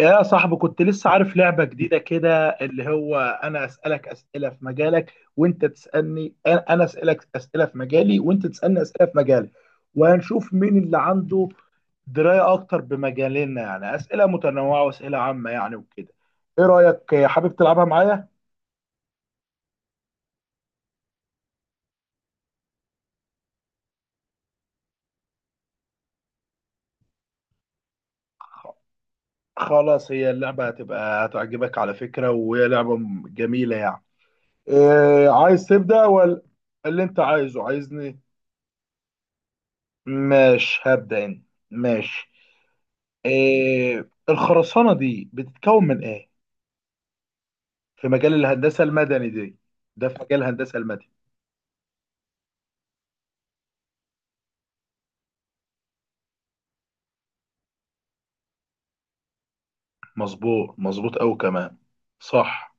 يا صاحبي كنت لسه عارف لعبة جديدة، كده اللي هو أنا أسألك أسئلة في مجالك وأنت تسألني، أنا أسألك أسئلة في مجالي وأنت تسألني أسئلة في مجالي. وهنشوف مين اللي عنده دراية أكتر بمجالنا، يعني أسئلة متنوعة وأسئلة عامة يعني وكده. إيه رأيك، حابب تلعبها معايا؟ خلاص، هي اللعبة هتبقى هتعجبك على فكرة، وهي لعبة جميلة يعني. إيه عايز تبدأ ولا اللي أنت عايزه عايزني؟ ماشي هبدأ أنا. ماشي. إيه الخرسانة دي بتتكون من ايه في مجال الهندسة المدني دي؟ ده في مجال الهندسة المدني. مظبوط مظبوط أوي كمان، صح.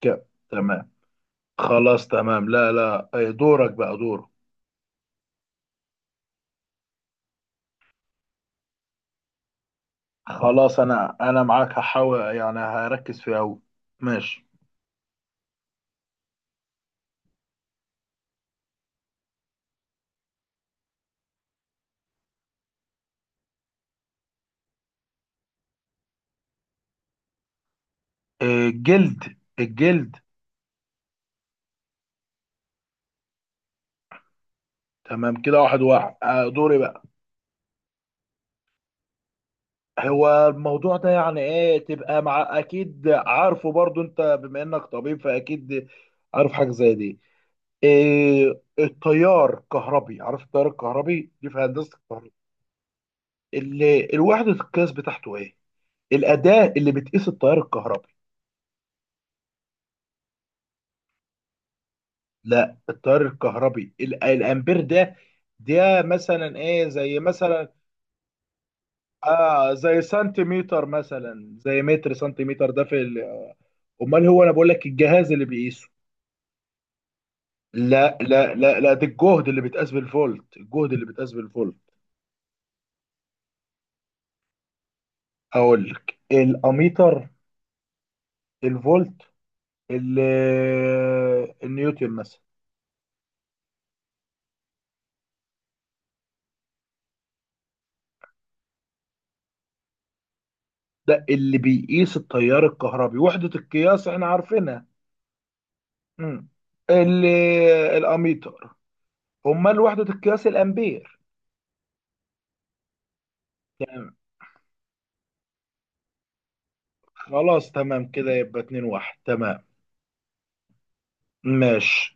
كده تمام، خلاص تمام، لا لا، دورك بقى دورك. خلاص انا معاك، هحاول يعني هركز فيه أوي. ماشي. إيه الجلد الجلد. تمام كده، واحد واحد، آه، دوري بقى. هو الموضوع ده يعني ايه تبقى مع اكيد عارفه برضو انت، بما انك طبيب فاكيد عارف حاجة زي دي. التيار الكهربي، عارف التيار الكهربي دي في هندسه الكهرباء؟ الوحده القياس بتاعته ايه؟ الاداه اللي بتقيس التيار الكهربي. لا، التيار الكهربي الامبير ده، ده مثلا ايه، زي مثلا، اه زي سنتيمتر مثلا، زي متر سنتيمتر، ده في امال هو انا بقول لك الجهاز اللي بيقيسه. لا لا لا لا، ده الجهد اللي بيتقاس بالفولت، الجهد اللي بيتقاس بالفولت. اقول لك الاميتر، الفولت، النيوتن مثلا. ده اللي بيقيس التيار الكهربي، وحدة القياس احنا عارفينها. مم. الاميتر. امال وحدة القياس الامبير. تمام، خلاص تمام كده، يبقى اتنين واحد، تمام. ماشي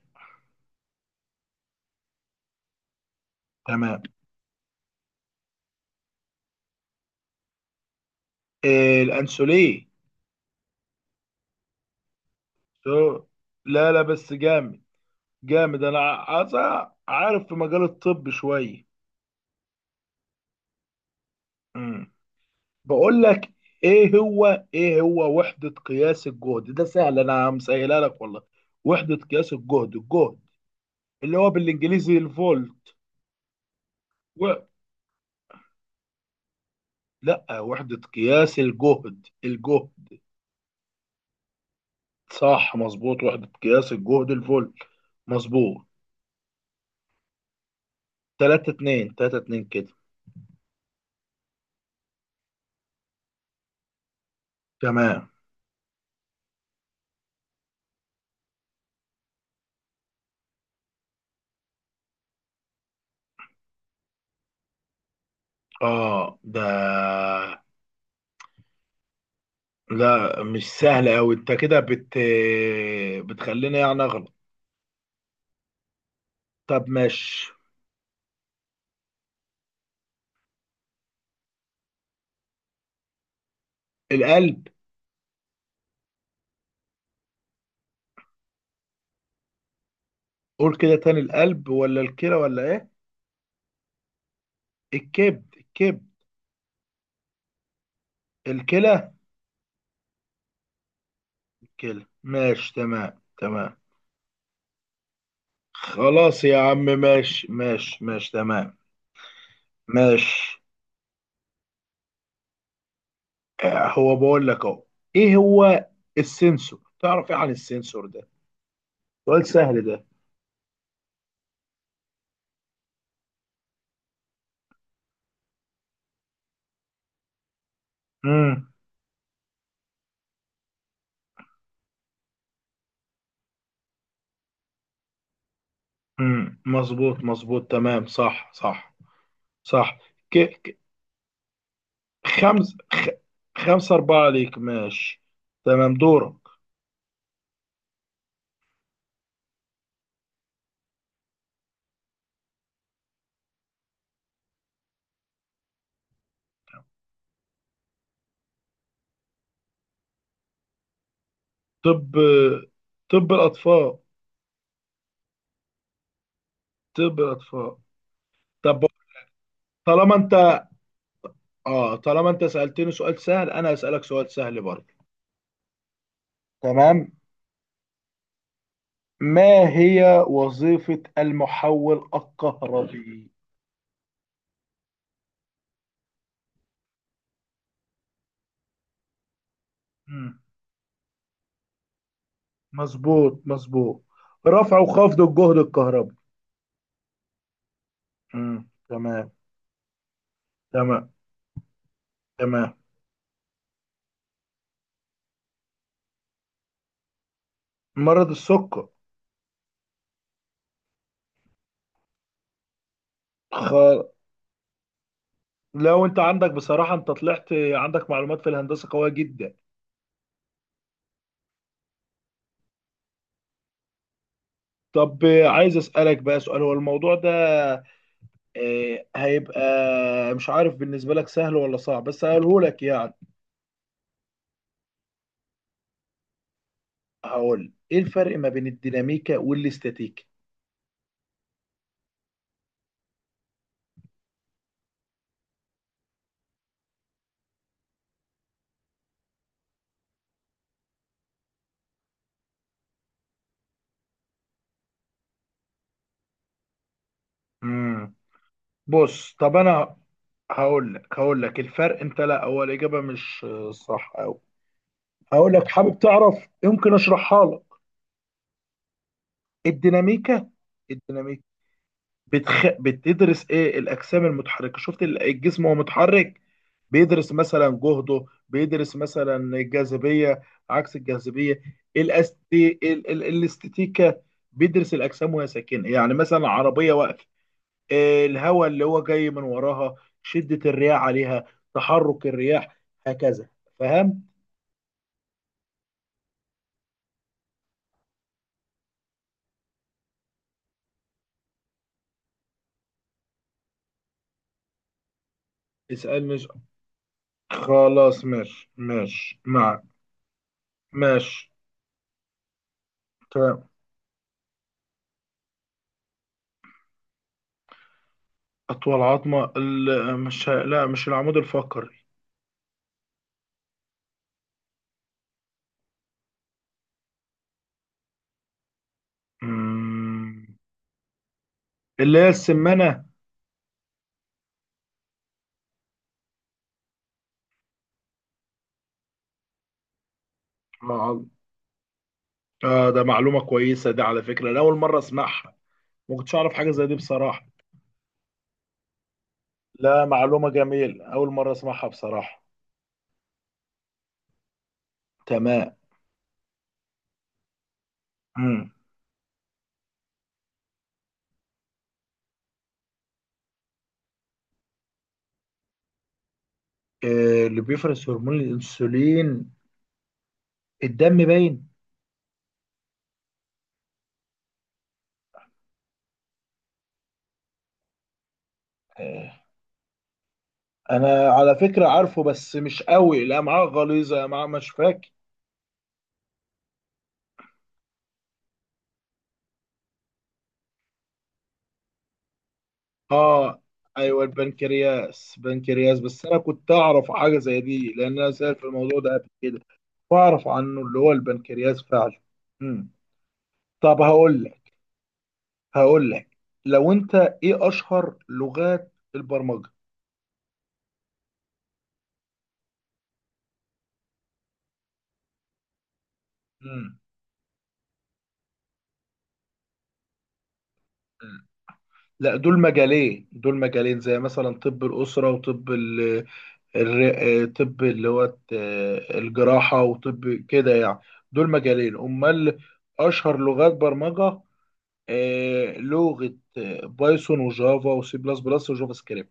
تمام. إيه الانسولين. سو لا لا، بس جامد، جامد. انا عايز عارف في مجال الطب شوية. مم. بقول لك، ايه هو وحدة قياس الجهد، ده سهل انا مسهلها لك والله. وحدة قياس الجهد، الجهد اللي هو بالانجليزي الفولت و... لا، وحدة قياس الجهد، الجهد. صح مظبوط، وحدة قياس الجهد الفولت، مظبوط. 3 2، 3 2 كده. تمام. اه لا مش سهل قوي، انت كده بتخليني يعني اغلط. طب ماشي، القلب. قول كده تاني، القلب ولا الكلى ولا ايه؟ الكبد الكبد. الكلى. الكلى، ماشي تمام تمام. خلاص يا عم، ماشي ماشي ماشي تمام. ماشي. آه، هو بقول لك اهو، ايه هو السنسور، تعرف ايه عن السنسور ده؟ سؤال سهل ده. امم. مظبوط مظبوط تمام، صح صح صح. ك... ك... خمس خ... خمسة أربعة عليك، ماشي. تمام دورك. طب، طب الأطفال. طب الأطفال. طب. طالما انت اه طالما انت سألتني سؤال سهل، انا هسألك سؤال سهل برضه. تمام. ما هي وظيفة المحول الكهربي؟ مم. مظبوط مظبوط. رفع وخفض الجهد الكهربي. مم. تمام. تمام. تمام. مرض السكر. خ... لو انت عندك، بصراحة انت طلعت عندك معلومات في الهندسة قوية جدا. طب، عايز اسألك بقى سؤال، هو الموضوع ده هيبقى مش عارف بالنسبة لك سهل ولا صعب، بس هقوله لك يعني. هقول ايه الفرق ما بين الديناميكا والاستاتيكا. امم، بص. طب انا هقول لك الفرق. انت لا، اول اجابة مش صح أوي. هقول لك، حابب تعرف يمكن اشرحها لك. الديناميكا، الديناميكا بتدرس ايه الاجسام المتحركه، شفت الجسم وهو متحرك. بيدرس مثلا جهده، بيدرس مثلا الجاذبيه، عكس الجاذبيه. الاستاتيكا بيدرس الاجسام وهي ساكنه، يعني مثلا العربيه واقفه، الهواء اللي هو جاي من وراها، شده الرياح عليها، تحرك الرياح، هكذا. فاهم؟ اسالني خلاص ماشي ماشي معك. ماشي. تمام. أطول عظمة ال- مش لا مش العمود الفقري. مم. اللي هي السمنة. اه. آه، ده معلومة كويسة دي على فكرة، أنا أول مرة أسمعها. ما كنتش أعرف حاجة زي دي بصراحة. لا معلومة جميل، أول مرة أسمعها بصراحة. تمام. مم. آه، اللي بيفرز هرمون الأنسولين الدم باين. آه، أنا على فكرة عارفه بس مش قوي. لا معاه غليظة، لا معاه مش فاكر. اه، ايوه البنكرياس، بنكرياس. بس انا كنت اعرف حاجه زي دي لان انا سأل في الموضوع ده قبل كده، واعرف عنه اللي هو البنكرياس فعلا. امم. طب هقول لك لو انت... ايه اشهر لغات البرمجه؟ امم، لا، دول مجالين زي مثلا طب الأسرة وطب طب اللي هو الجراحة وطب كده يعني. دول مجالين أمال. أشهر لغات برمجة، لغة، بايثون وجافا وسي بلس بلس وجافا سكريبت.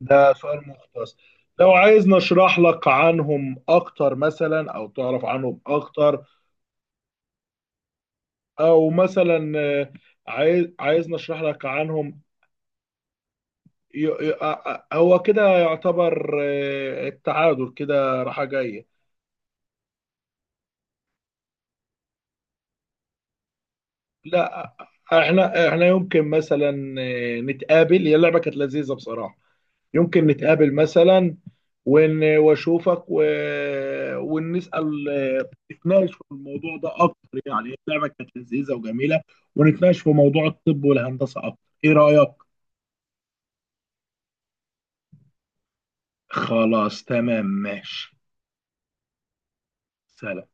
ده سؤال مختص. لو عايز نشرح لك عنهم أكتر مثلا، أو تعرف عنهم أكتر، أو مثلا، عايز نشرح لك عنهم. هو كده يعتبر، التعادل كده، راحة جاية. لا، احنا يمكن مثلا نتقابل. هي اللعبة كانت لذيذة بصراحة. يمكن نتقابل مثلا واشوفك ونسأل، نتناقش في الموضوع ده اكتر، يعني اللعبه كانت لذيذه وجميله. ونتناقش في موضوع الطب والهندسه اكتر. ايه رأيك؟ خلاص تمام ماشي. سلام.